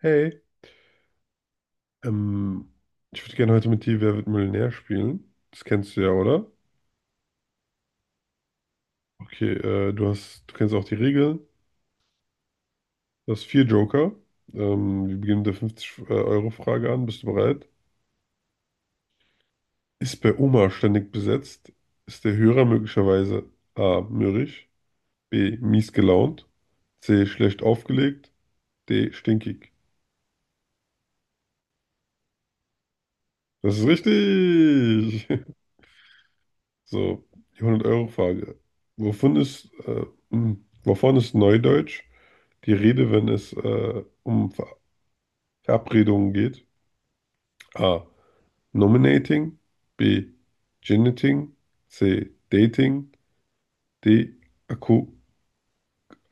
Hey, ähm, ich würde gerne heute mit dir Wer wird Millionär spielen. Das kennst du ja, oder? Okay, du kennst auch die Regeln. Du hast vier Joker. Wir beginnen mit der 50-Euro-Frage an. Bist du bereit? Ist bei Oma ständig besetzt? Ist der Hörer möglicherweise A. mürrisch, B. mies gelaunt, C. schlecht aufgelegt, D. stinkig? Das ist richtig! So, die 100-Euro-Frage. Wovon ist, äh, wovon ist Neudeutsch die Rede, wenn es um Verabredungen geht? A. Nominating. B. Geniting. C. Dating. D. Akku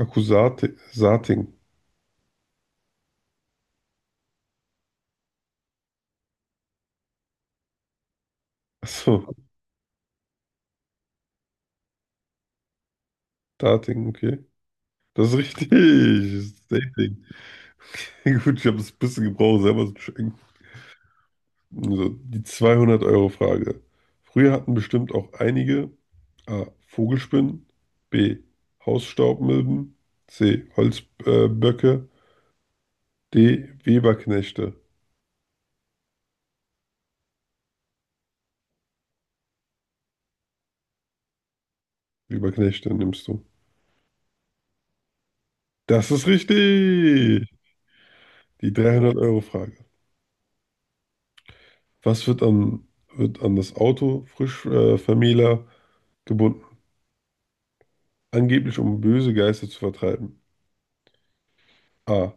Akkusating. Achso, Dating, okay. Das ist richtig. Das ist Dating. Gut, ich habe es ein bisschen gebraucht, selber zu checken. Also die 200-Euro-Frage. Früher hatten bestimmt auch einige A. Vogelspinnen, B. Hausstaubmilben, C. Holzböcke, die Weberknechte. Weberknechte nimmst du. Das ist richtig. Die 300-Euro-Frage. Was wird an das Auto frisch Vermähler gebunden? Angeblich, um böse Geister zu vertreiben. A.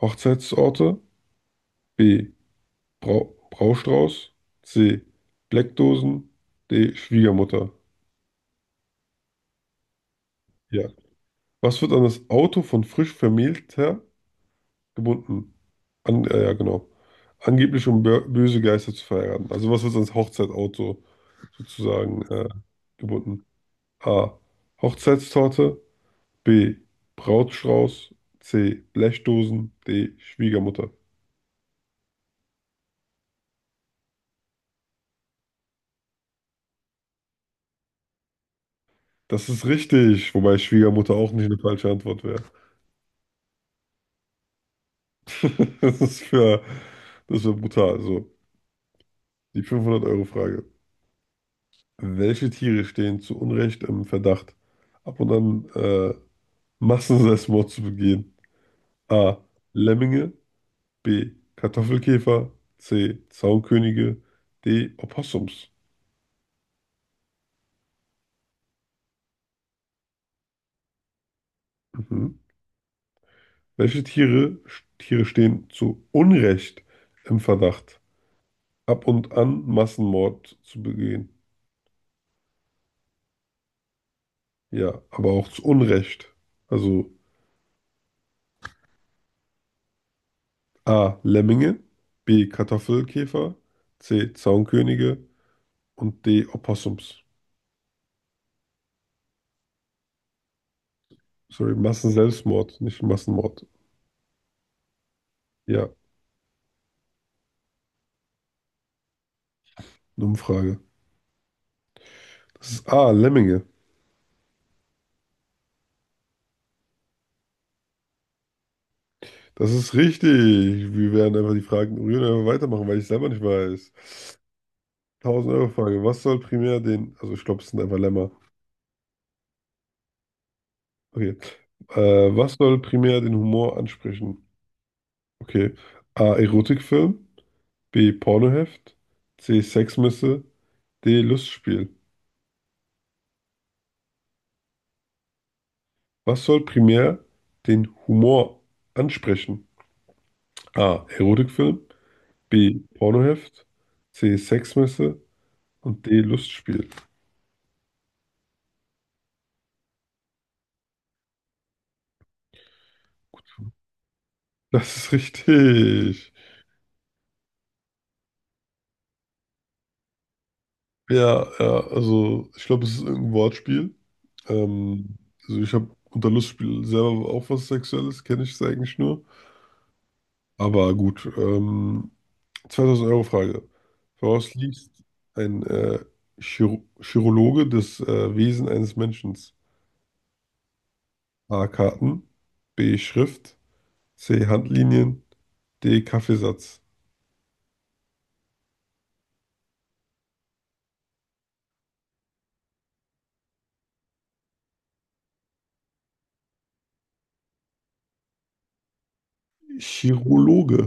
Hochzeitsorte. B. Bra Braustrauß. C. Bleckdosen. D. Schwiegermutter. Ja. Was wird an das Auto von frisch Vermählter gebunden? Ja, genau. Angeblich, um böse Geister zu verheiraten. Also, was wird ans Hochzeitauto sozusagen gebunden. A. Hochzeitstorte. B. Brautstrauß. C. Blechdosen. D. Schwiegermutter. Das ist richtig, wobei Schwiegermutter auch nicht eine falsche Antwort wäre. Das ist für, Das wäre brutal. So, die 500-Euro-Frage. Welche Tiere stehen zu Unrecht im Verdacht, ab und an Massenselbstmord zu begehen? A. Lemminge. B. Kartoffelkäfer. C. Zaunkönige. D. Opossums. Mhm. Welche Tiere stehen zu Unrecht im Verdacht, ab und an Massenmord zu begehen? Ja, aber auch zu Unrecht. Also A. Lemminge, B. Kartoffelkäfer, C. Zaunkönige und D. Opossums. Sorry, Massenselbstmord, nicht Massenmord. Ja, eine Umfrage. Das ist A. Lemminge. Das ist richtig. Wir werden einfach die Fragen ignorieren und einfach weitermachen, weil ich selber nicht weiß. 1000-Euro-Frage. Was soll primär den, also ich glaube, es sind einfach Lämmer. Okay. Äh, Was soll primär den Humor ansprechen? Okay. A. Erotikfilm. B. Pornoheft. C. Sexmesse. D. Lustspiel. Was soll primär den Humor ansprechen? A. Erotikfilm. B. Pornoheft. C. Sexmesse. Und D. Lustspiel. Das ist richtig. Ja, ja, also ich glaube, es ist irgendein Wortspiel. Ähm, also ich habe unter Lustspiel selber auch was Sexuelles, kenne ich es eigentlich nur. Aber gut, 2000 Euro Frage. Woraus liest ein Chirologe das Wesen eines Menschen? A. Karten, B. Schrift, C. Handlinien, D. Kaffeesatz. Chirologe.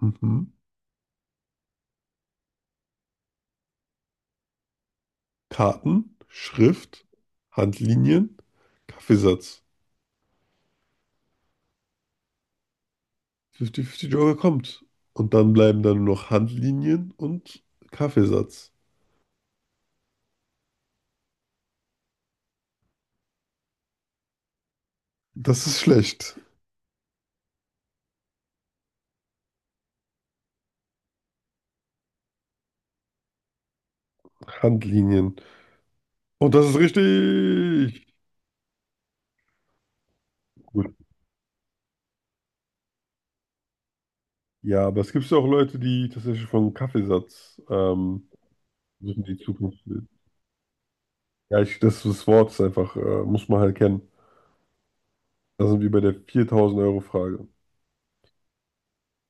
Mhm. Karten, Schrift, Handlinien, Kaffeesatz. 50-50 Joker kommt. Und dann bleiben dann nur noch Handlinien und Kaffeesatz. Das ist schlecht. Handlinien. Und das ist richtig. Gut. Ja, aber es gibt ja auch Leute, die tatsächlich von Kaffeesatz versuchen, die Zukunft. Ja, ich, das, das Wort ist einfach, muss man halt kennen. Da sind wir bei der 4000-Euro-Frage.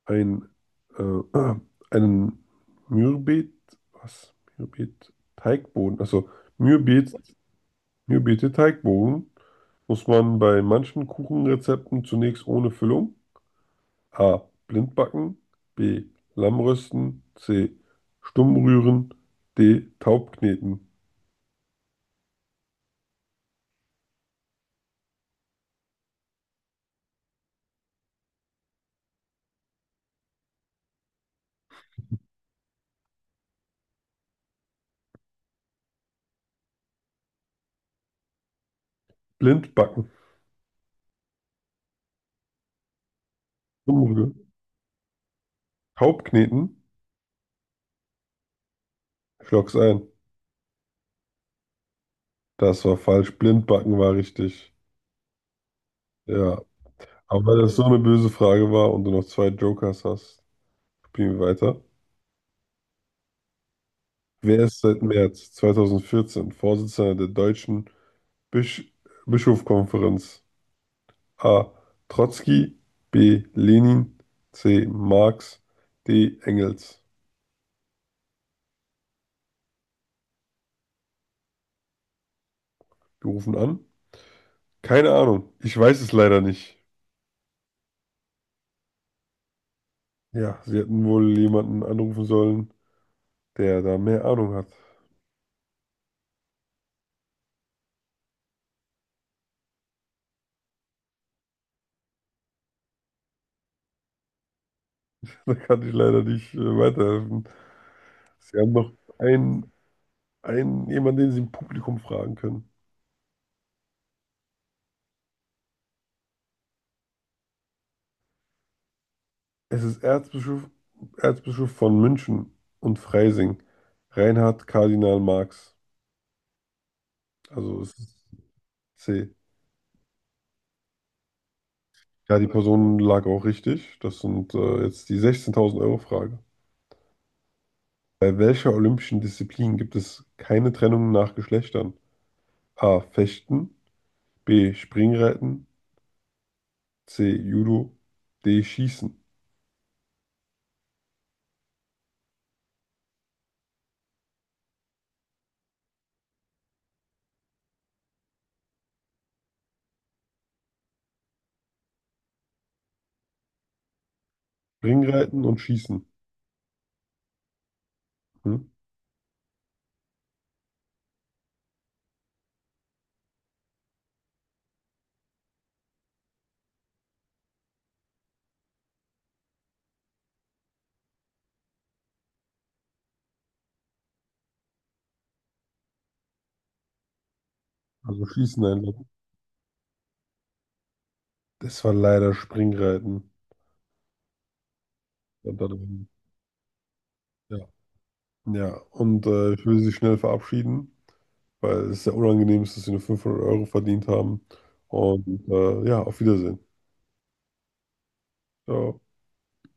Ein, äh, einen Mürbet, was? Mürbet, Teigboden, also Mürbet, Mürbete Teigboden muss man bei manchen Kuchenrezepten zunächst ohne Füllung, A. Blindbacken. B. Lammrösten. C. Stummrühren. D. Taubkneten. Blindbacken. Stummrühren. Taubkneten? Ich logg's ein. Das war falsch. Blindbacken war richtig. Ja. Aber weil das so eine böse Frage war und du noch zwei Jokers hast, spielen wir weiter. Wer ist seit März 2014 Vorsitzender der Deutschen Bisch Bischofskonferenz? A. Trotzki. B. Lenin. C. Marx. D. Engels. Wir rufen an. Keine Ahnung. Ich weiß es leider nicht. Ja, Sie hätten wohl jemanden anrufen sollen, der da mehr Ahnung hat. Da kann ich leider nicht weiterhelfen. Sie haben noch einen, jemanden, den Sie im Publikum fragen können. Es ist Erzbischof, von München und Freising, Reinhard Kardinal Marx. Also es ist C. Ja, die Person lag auch richtig. Das sind jetzt die 16.000 Euro Frage. Bei welcher olympischen Disziplin gibt es keine Trennung nach Geschlechtern? A. Fechten. B. Springreiten. C. Judo. D. Schießen. Springreiten und Schießen. Hm? Also Schießen einloggen. Das war leider Springreiten. Und dann- Ja. Ja, ich will Sie schnell verabschieden, weil es sehr unangenehm ist, dass Sie nur 500 Euro verdient haben. Und ja, auf Wiedersehen. Ciao.